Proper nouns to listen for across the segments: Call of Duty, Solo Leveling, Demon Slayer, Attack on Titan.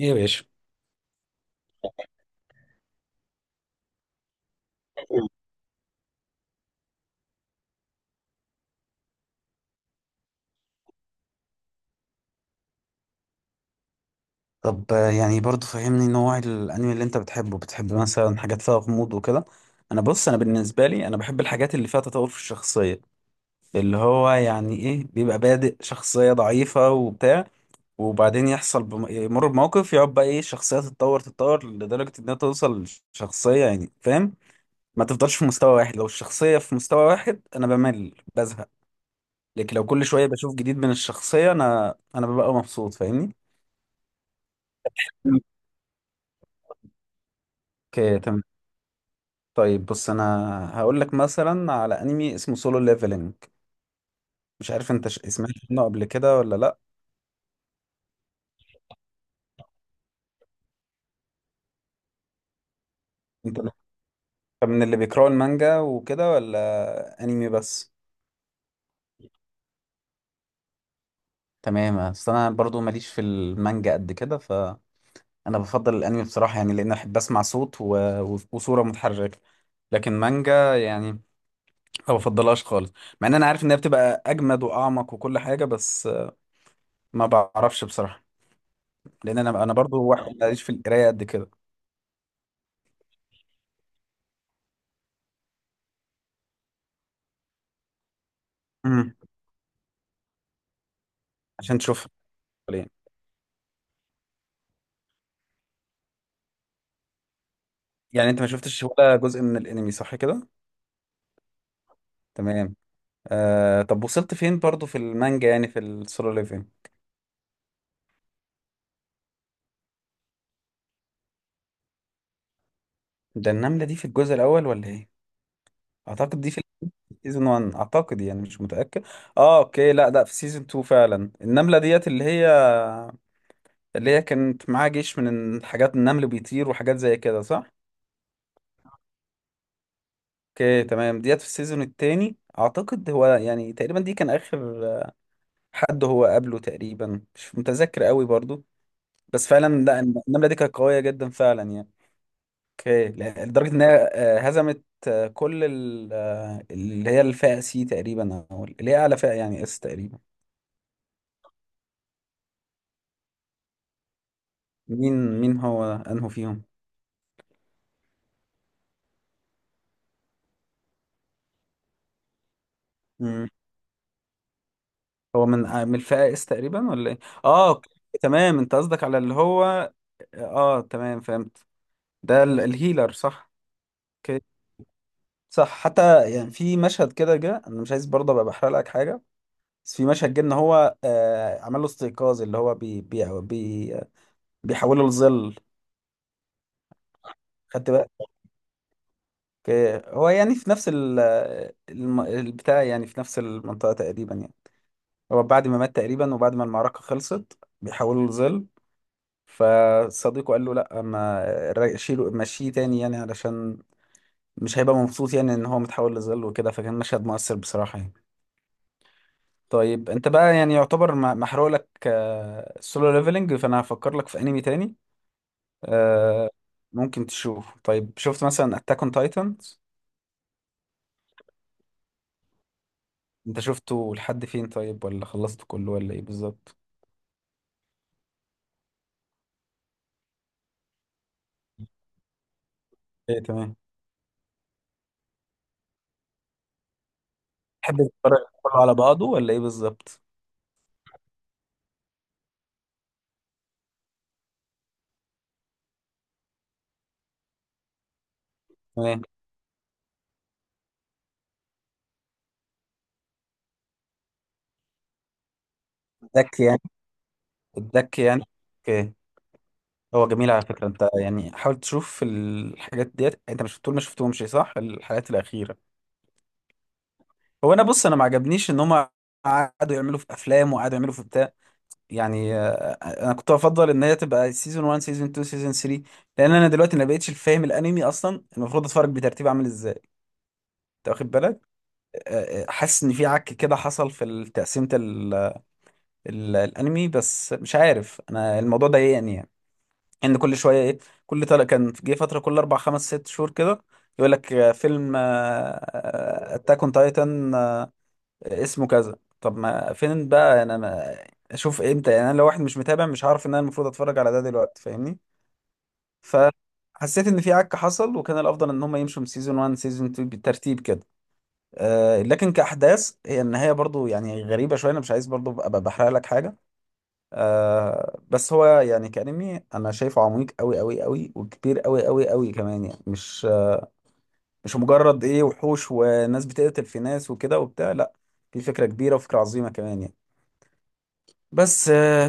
ايه يا باشا. طب يعني برضو فهمني نوع الانمي اللي انت بتحبه، بتحب مثلا حاجات فيها غموض وكده. انا بص، بالنسبه لي بحب الحاجات اللي فيها تطور في الشخصيه، اللي هو يعني ايه، بيبقى بادئ شخصيه ضعيفه وبتاع، وبعدين يحصل يمر بموقف، يقعد بقى ايه، الشخصيه تتطور لدرجه انها توصل لشخصيه، يعني فاهم. ما تفضلش في مستوى واحد، لو الشخصيه في مستوى واحد انا بمل بزهق، لكن لو كل شويه بشوف جديد من الشخصيه انا ببقى مبسوط، فاهمني. مم. اوكي، تمام. طيب بص، انا هقول لك مثلا على انمي اسمه سولو ليفلنج، مش عارف انت سمعت عنه قبل كده ولا لا. انت طب من اللي بيقراوا المانجا وكده ولا انمي بس؟ تمام، اصل انا برضو ماليش في المانجا قد كده، فانا بفضل الانمي بصراحة، يعني لان احب اسمع صوت و وصورة متحركة، لكن مانجا يعني ما بفضلهاش خالص، مع ان انا عارف انها بتبقى اجمد واعمق وكل حاجة، بس ما بعرفش بصراحة، لان انا برضو واحد ماليش في القراية قد كده. امم عشان تشوف، يعني انت ما شفتش ولا جزء من الانمي صح كده؟ تمام. طب وصلت فين برضو في المانجا، يعني في السولو ليفلنج؟ ده النملة دي في الجزء الاول ولا ايه؟ اعتقد دي في سيزون 1 اعتقد، يعني مش متأكد. اه اوكي، لا لا، في سيزون 2 فعلا، النملة ديت اللي هي كانت معاها جيش من الحاجات، النمل بيطير وحاجات زي كده صح؟ اوكي تمام، ديت في السيزون التاني اعتقد، هو يعني تقريبا دي كان اخر حد هو قابله تقريبا، مش متذكر قوي برضو، بس فعلا لا، النمله دي كانت قويه جدا فعلا يعني. اوكي، لدرجه ان هي هزمت كل اللي هي الفئه سي تقريبا، او اللي هي اعلى فئه يعني اس تقريبا. مين هو انه فيهم؟ مم. هو من من الفئه اس تقريبا ولا ايه؟ اه أوكي. تمام، انت قصدك على اللي هو، اه تمام فهمت، ده الهيلر صح؟ اوكي. صح، حتى يعني في مشهد كده جه، انا مش عايز برضه ابقى بحرق لك حاجه، بس في مشهد جه ان هو آه عمل له استيقاظ، اللي هو بي بيحولوا لظل. خدت بالك؟ ك- هو يعني في نفس البتاع، يعني في نفس المنطقة تقريبا يعني، هو بعد ما مات تقريبا وبعد ما المعركة خلصت بيحولوا لظل، فصديقه قال له لا، ما را- شيله مشيه تاني، يعني علشان مش هيبقى مبسوط يعني ان هو متحول لظل وكده، فكان مشهد مؤثر بصراحة يعني. طيب انت بقى يعني يعتبر محروق لك السولو ليفلنج، فانا هفكر لك في انمي تاني. آه، ممكن تشوف طيب، شفت مثلا اتاك اون تايتن؟ انت شفته لحد فين طيب، ولا خلصته كله ولا ايه بالظبط؟ ايه تمام. تحب تتفرج كله على بعضه ولا ايه بالظبط؟ تمام. الدك يعني، الدك يعني. اوكي. هو جميل على فكرة، انت يعني حاول تشوف الحاجات ديت، انت مش بتقول ما شفتهمش صح الحلقات الأخيرة؟ هو انا بص، انا ما عجبنيش ان هم قعدوا يعملوا في افلام وقعدوا يعملوا في بتاع، يعني انا كنت افضل ان هي تبقى سيزون 1 سيزون 2 سيزون 3، لان انا دلوقتي ما بقتش فاهم الانمي اصلا المفروض اتفرج بترتيب عامل ازاي، انت واخد بالك؟ حاسس ان في عك كده حصل في تقسيمه الانمي، بس مش عارف، انا الموضوع ضايقني يعني، يعني ان كل شويه ايه، كل طلع كان جه فتره كل اربع خمس ست شهور كده يقول لك فيلم اتاك اون تايتن اسمه كذا، طب ما فين بقى انا ما اشوف امتى؟ يعني انا لو واحد مش متابع مش هعرف ان انا المفروض اتفرج على ده دلوقتي، فاهمني؟ فحسيت ان في عك حصل، وكان الافضل ان هم يمشوا من سيزون 1 سيزون 2 بالترتيب كده. لكن كأحداث هي النهاية برضو يعني غريبة شوية، أنا مش عايز برضو أبقى بحرق لك حاجة. بس هو يعني كأنمي أنا شايفه عميق أوي أوي أوي، وكبير أوي أوي أوي كمان يعني، مش مش مجرد إيه، وحوش وناس بتقتل في ناس وكده وبتاع، لأ في فكرة كبيرة وفكرة عظيمة كمان يعني. بس آه،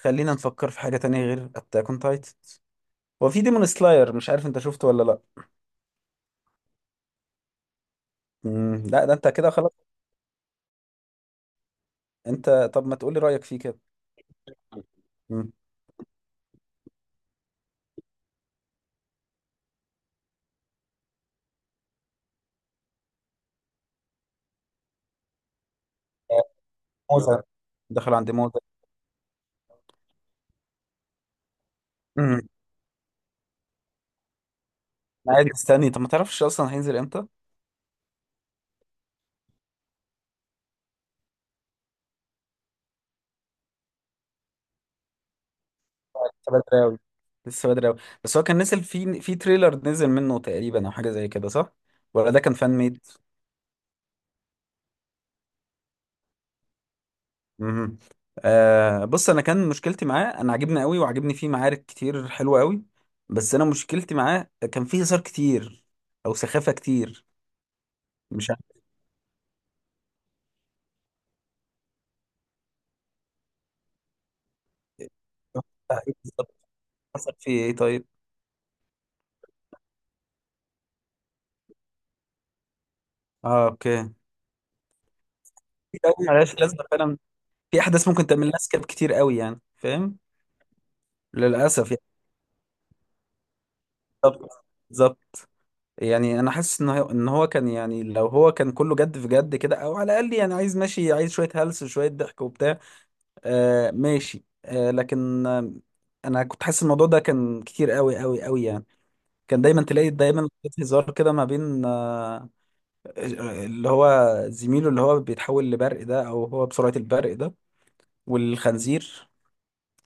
خلينا نفكر في حاجة تانية غير أتاك أون تايتن. وفي ديمون سلاير، مش عارف أنت شفته ولا لأ؟ مم، لأ ده أنت كده خلاص. أنت طب ما تقولي رأيك فيه كده. مم. آه، موزة، دخل عند موزة. قاعد مستني، طب ما تعرفش اصلا هينزل امتى؟ لسه بدري قوي، لسه بدري قوي، بس هو كان نزل في تريلر نزل منه تقريبا او حاجه زي كده صح؟ ولا ده كان فان ميد؟ امم آه بص، انا كان مشكلتي معاه، انا عجبني قوي وعجبني فيه معارك كتير حلوه قوي، بس انا مشكلتي معاه كان فيه هزار كتير، او سخافه كتير. مش عارف إيه بالظبط، حصل فيه ايه طيب؟ اه اوكي. في قوي ملهاش لازمه فعلا، في احداث ممكن تعمل لها سكيب كتير قوي، يعني فاهم، للاسف يعني. بالظبط، بالظبط. يعني انا حاسس ان هو كان، يعني لو هو كان كله جد في جد كده، او على الاقل يعني عايز ماشي، عايز شويه هلس وشويه ضحك وبتاع، آه ماشي آه، لكن آه، انا كنت حاسس الموضوع ده كان كتير قوي قوي قوي يعني، كان دايما تلاقي دايما في هزار كده ما بين اللي هو زميله اللي هو بيتحول لبرق ده، او هو بسرعه البرق ده، والخنزير،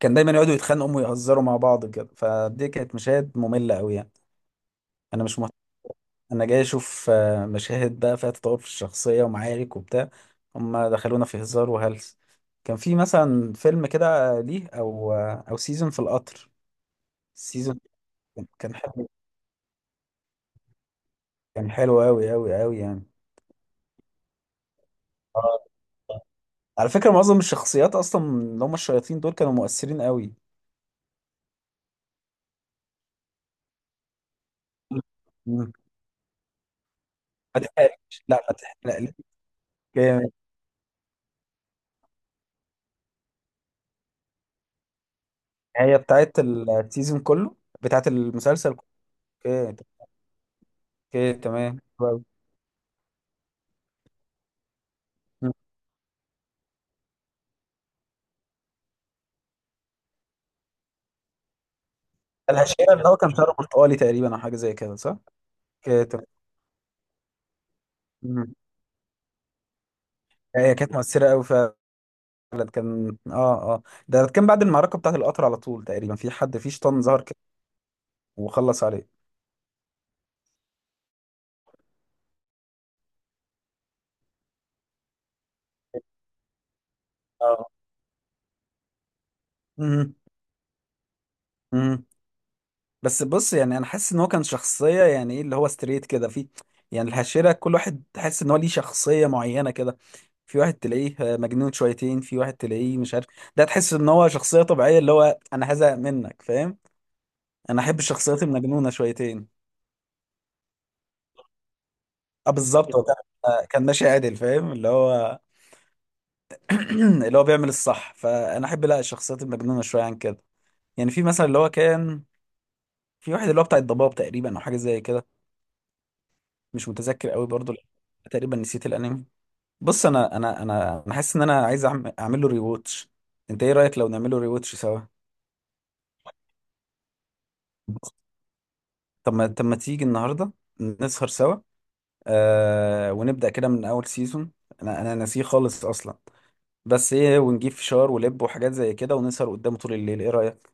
كان دايما يقعدوا يتخانقوا ويهزروا مع بعض كده، فدي كانت مشاهد ممله قوي يعني. انا مش، انا جاي اشوف مشاهد بقى فيها تطور في الشخصيه ومعارك وبتاع، هم دخلونا في هزار وهلس. كان في مثلا فيلم كده ليه، او او سيزون في القطر، السيزون كان حلو، كان حلو قوي قوي قوي يعني. آه. على فكره معظم الشخصيات اصلا اللي هم الشياطين دول كانوا مؤثرين قوي. مم. ما تحرقش، لا ما تحرقليش. جامد. هي بتاعت السيزون كله؟ بتاعت المسلسل كله. اوكي، اوكي تمام، حلو أوي. العشيرة اللي هو كان شعره برتقالي تقريبا او حاجه زي كده صح؟ كانت، مم. هي كانت مؤثره قوي فعلا. كان اه، اه ده كان بعد المعركه بتاعت القطر على طول تقريبا، في حد في شيطان ظهر كده وخلص عليه. اه. مم. مم. بس بص، يعني انا حاسس ان هو كان شخصيه، يعني ايه اللي هو ستريت كده في، يعني الحشره كل واحد تحس ان هو ليه شخصيه معينه كده، في واحد تلاقيه مجنون شويتين، في واحد تلاقيه مش عارف، ده تحس ان هو شخصيه طبيعيه، اللي هو انا هزهق منك، فاهم؟ انا احب الشخصيات المجنونه شويتين. اه بالظبط، هو كان كان ماشي عادل، فاهم اللي هو اللي هو بيعمل الصح، فانا احب لا الشخصيات المجنونه شويه عن كده، يعني في مثلا اللي هو كان، في واحد اللي هو بتاع الضباب تقريبا او حاجه زي كده، مش متذكر قوي برضو لأن تقريبا نسيت الانمي. بص انا حاسس ان انا عايز اعمل له ريواتش، انت ايه رايك لو نعمله ريواتش سوا؟ طب ما تيجي النهارده نسهر سوا، آه ونبدا كده من اول سيزون، انا ناسيه خالص اصلا، بس ايه ونجيب فشار ولب وحاجات زي كده ونسهر قدامه طول الليل، ايه رأيك؟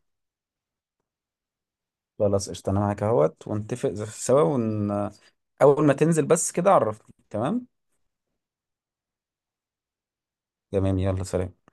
خلاص قشطة، انا معاك اهوت، ونتفق سوا اول ما تنزل بس كده عرفني، تمام. تمام، يلا سلام.